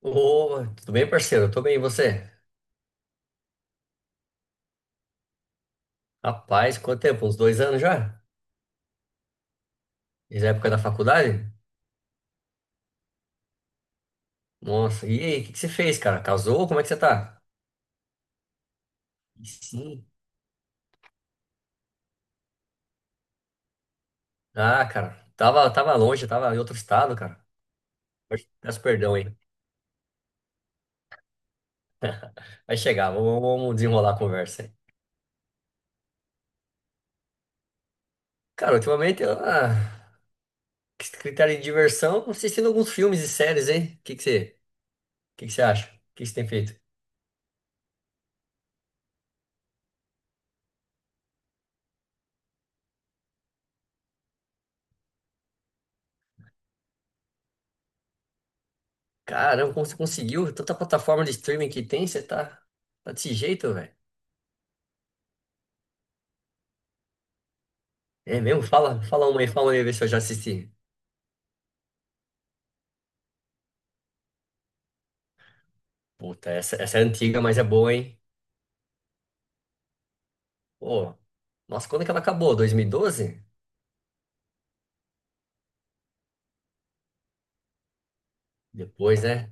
Ô, tudo bem, parceiro? Eu tô bem, e você? Rapaz, quanto tempo? Uns dois anos já? Desde a época da faculdade? Nossa, e aí, o que que você fez, cara? Casou? Como é que você tá? Sim. Ah, cara, tava longe, tava em outro estado, cara. Peço perdão aí. Vai chegar, vamos desenrolar a conversa aí. Cara, ultimamente, critério de diversão, assistindo alguns filmes e séries, hein? O que que você acha? O que que você tem feito? Caramba, como você conseguiu? Tanta plataforma de streaming que tem, tá desse jeito, velho. É mesmo? Fala uma aí, vê se eu já assisti. Puta, essa é antiga, mas é boa, hein? Pô, nossa, quando que ela acabou? 2012? Depois, né?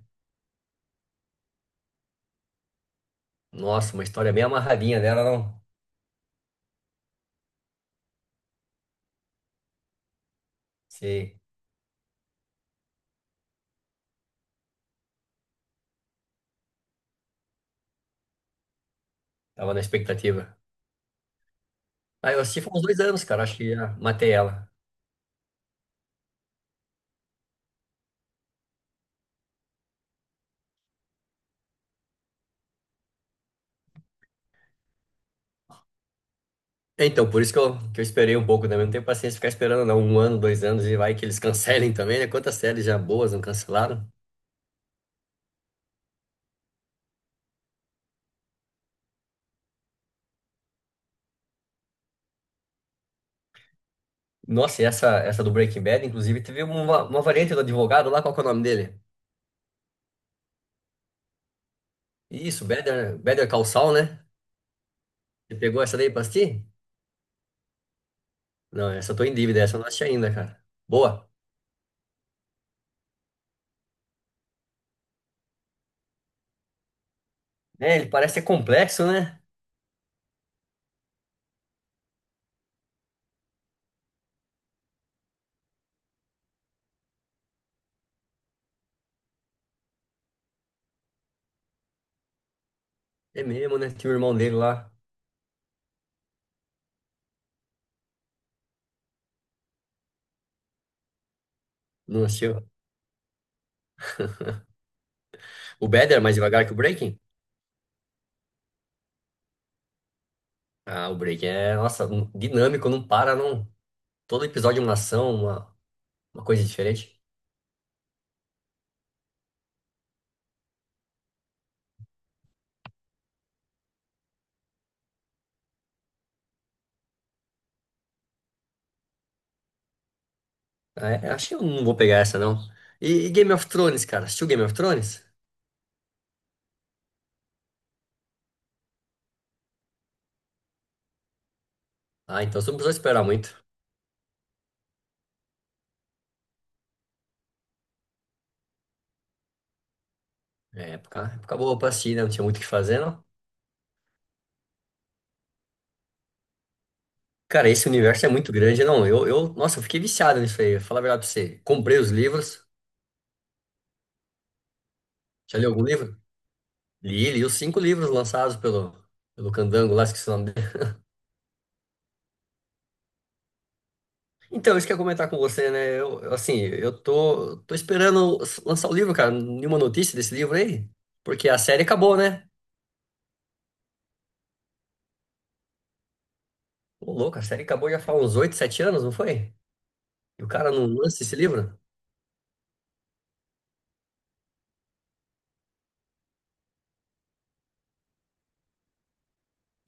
Nossa, uma história bem amarradinha dela, não? Sei, tava na expectativa. Ah, eu assisti faz uns dois anos, cara, acho que já matei ela. Então, por isso que eu esperei um pouco também. Não tenho paciência de ficar esperando, não. Um ano, dois anos e vai que eles cancelem também, né? Quantas séries já boas não cancelaram? Nossa, e essa do Breaking Bad, inclusive, teve uma variante do advogado lá, qual que é o nome dele? Isso, Better Call Saul, né? Você pegou essa daí pra assistir? Não, essa eu tô em dívida, essa eu não assisti ainda, cara. Boa. É, ele parece ser complexo, né? É mesmo, né? Tinha o irmão dele lá. Não assistiu. O Better é mais devagar que o Breaking? Ah, o Breaking é, nossa, dinâmico, não para, não. Todo episódio é uma ação, uma coisa diferente. Ah, é, acho que eu não vou pegar essa, não. E Game of Thrones, cara? Assistiu Game of Thrones? Ah, então você não precisou esperar muito. Época boa pra assistir, né? Não tinha muito o que fazer. Cara, esse universo é muito grande, não. Nossa, eu fiquei viciado nisso aí. Falar a verdade pra você. Comprei os livros. Já li algum livro? Li os 5 livros lançados pelo Candango, lá esqueci o nome dele. Então, isso que eu ia comentar com você, né? Eu, assim, eu tô, tô esperando lançar o livro, cara. Nenhuma notícia desse livro aí. Porque a série acabou, né? Ô, louco, a série acabou já faz uns 8, 7 anos, não foi? E o cara não lança esse livro?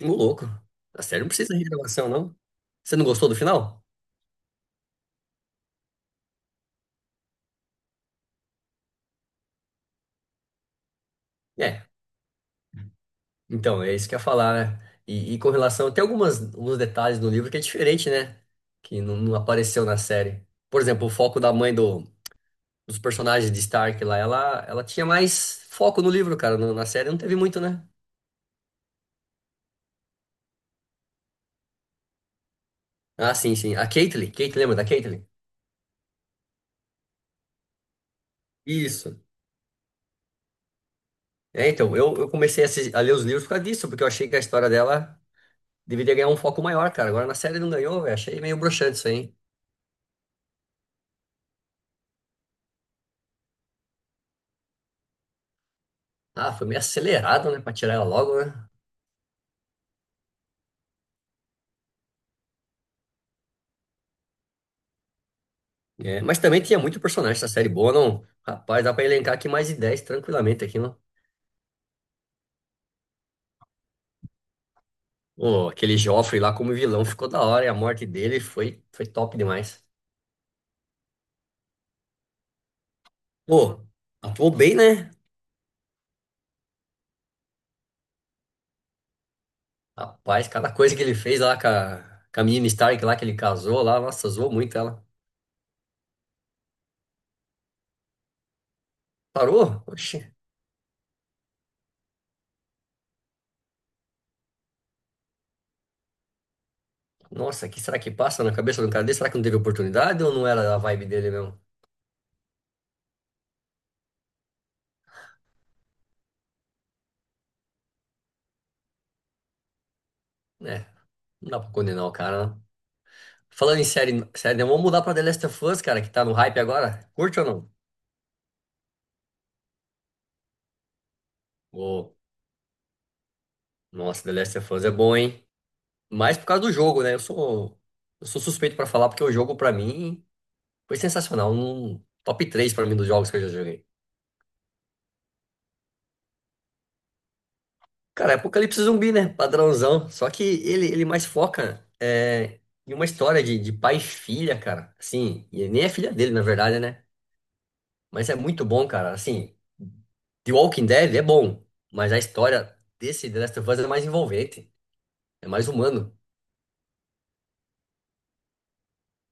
Ô, louco. A série não precisa de renovação, não. Você não gostou do final? É. Então, é isso que eu ia falar, né? E com relação, tem alguns detalhes no livro que é diferente, né? Que não apareceu na série. Por exemplo, o foco da mãe dos personagens de Stark lá, ela tinha mais foco no livro, cara. No- na série não teve muito, né? Ah, sim, sim. A Caitlyn, lembra da Caitlyn? Isso. É, então, eu comecei a, assis- a ler os livros por causa disso, porque eu achei que a história dela deveria ganhar um foco maior, cara. Agora na série não ganhou, velho. Achei meio broxante isso aí, hein? Ah, foi meio acelerado, né? Pra tirar ela logo, né? É, mas também tinha muito personagem essa série boa, não? Rapaz, dá pra elencar aqui mais de 10 tranquilamente aqui, não? Ô, aquele Joffrey lá como vilão ficou da hora e a morte dele foi top demais. Pô, atuou bem, né? Rapaz, cada coisa que ele fez lá com com a menina Stark lá que ele casou lá, nossa, zoou muito ela. Parou? Oxi, nossa, o que será que passa na cabeça do cara dele? Será que não teve oportunidade ou não era a vibe dele mesmo? É, não dá pra condenar o cara, não. Falando em série, né, vamos mudar pra The Last of Us, cara, que tá no hype agora. Curte ou não? Ô, nossa, The Last of Us é bom, hein? Mais por causa do jogo, né? Eu sou suspeito pra falar, porque o jogo, pra mim, foi sensacional. Um top 3 pra mim dos jogos que eu já joguei. Cara, é Apocalipse Zumbi, né? Padrãozão. Só que ele mais foca é, em uma história de pai e filha, cara. Assim, e nem é filha dele, na verdade, né? Mas é muito bom, cara. Assim, The Walking Dead é bom, mas a história desse The Last of Us é mais envolvente, é mais humano.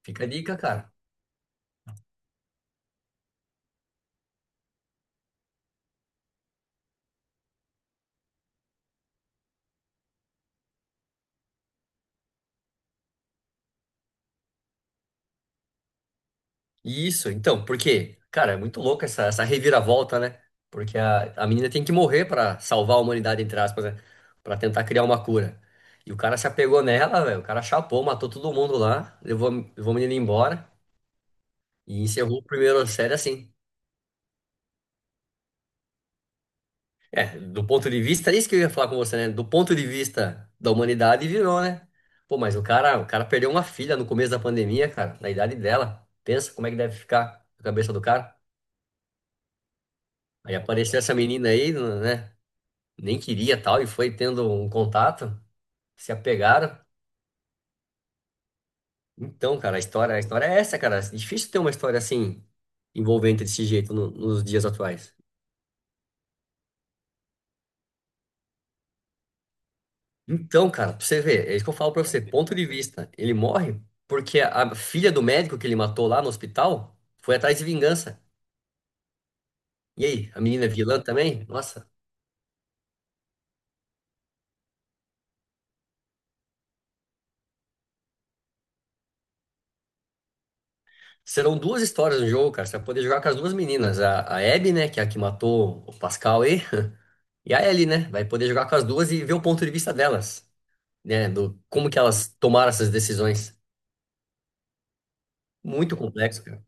Fica a dica, cara. Isso, então, porque, cara, é muito louco essa reviravolta, né? Porque a menina tem que morrer pra salvar a humanidade, entre aspas, né? Pra tentar criar uma cura. E o cara se apegou nela, velho. O cara chapou, matou todo mundo lá, levou a menina embora e encerrou o primeiro série assim. É, do ponto de vista, é isso que eu ia falar com você, né? Do ponto de vista da humanidade, virou, né? Pô, mas o cara perdeu uma filha no começo da pandemia, cara, na idade dela. Pensa como é que deve ficar a cabeça do cara. Aí apareceu essa menina aí, né? Nem queria tal e foi tendo um contato, se apegaram. Então, cara, a história é essa, cara. É difícil ter uma história assim envolvente desse jeito nos dias atuais. Então, cara, pra você ver, é isso que eu falo pra você, ponto de vista. Ele morre porque a filha do médico que ele matou lá no hospital foi atrás de vingança. E aí, a menina é vilã também? Nossa. Serão duas histórias no jogo, cara. Você vai poder jogar com as duas meninas. A Abby, né, que é a que matou o Pascal aí. E a Ellie, né? Vai poder jogar com as duas e ver o ponto de vista delas, né, do como que elas tomaram essas decisões. Muito complexo, cara.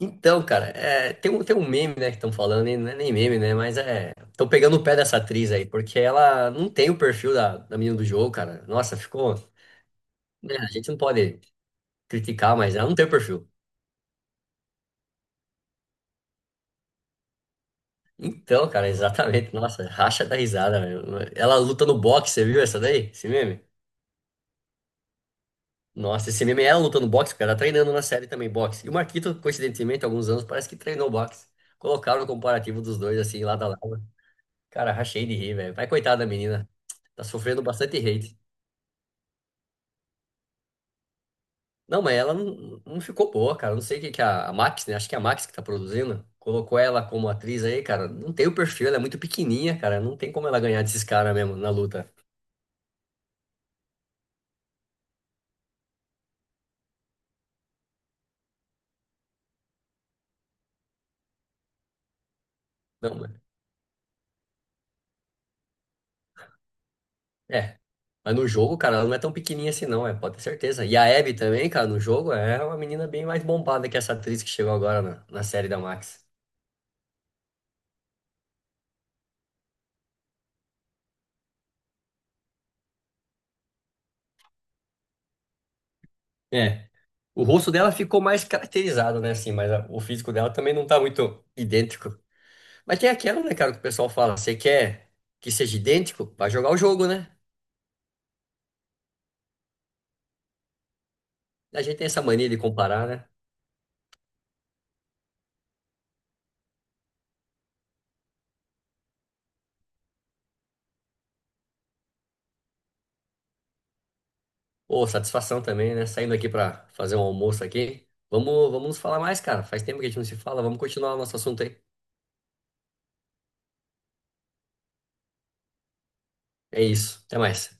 Então, cara, é, tem um meme, né, que estão falando, e não é nem meme, né, mas é, estão pegando o pé dessa atriz aí, porque ela não tem o perfil da menina do jogo, cara. Nossa, ficou, né, a gente não pode criticar, mas ela não tem o perfil. Então, cara, exatamente, nossa, racha da risada, velho. Ela luta no boxe, você viu essa daí? Esse meme? Nossa, esse meme é lutando no boxe, o cara tá treinando na série também boxe. E o Marquito, coincidentemente, há alguns anos, parece que treinou boxe. Colocaram o comparativo dos dois, assim, lado a lado. Cara, rachei de rir, velho. Vai, coitada da menina. Tá sofrendo bastante hate. Não, mas ela não, não ficou boa, cara. Não sei o que que a Max, né? Acho que é a Max que tá produzindo. Colocou ela como atriz aí, cara. Não tem o perfil, ela é muito pequenininha, cara. Não tem como ela ganhar desses caras mesmo na luta. Não, é. Mas no jogo, cara, ela não é tão pequenininha assim, não, é, pode ter certeza. E a Abby também, cara, no jogo é uma menina bem mais bombada que essa atriz que chegou agora na série da Max. É. O rosto dela ficou mais caracterizado, né, assim, mas o físico dela também não tá muito idêntico. Mas tem aquela, né, cara, que o pessoal fala, você quer que seja idêntico? Vai jogar o jogo, né? A gente tem essa mania de comparar, né? Pô, satisfação também, né? Saindo aqui pra fazer um almoço aqui. Vamos nos falar mais, cara. Faz tempo que a gente não se fala. Vamos continuar o nosso assunto aí. É isso. Até mais.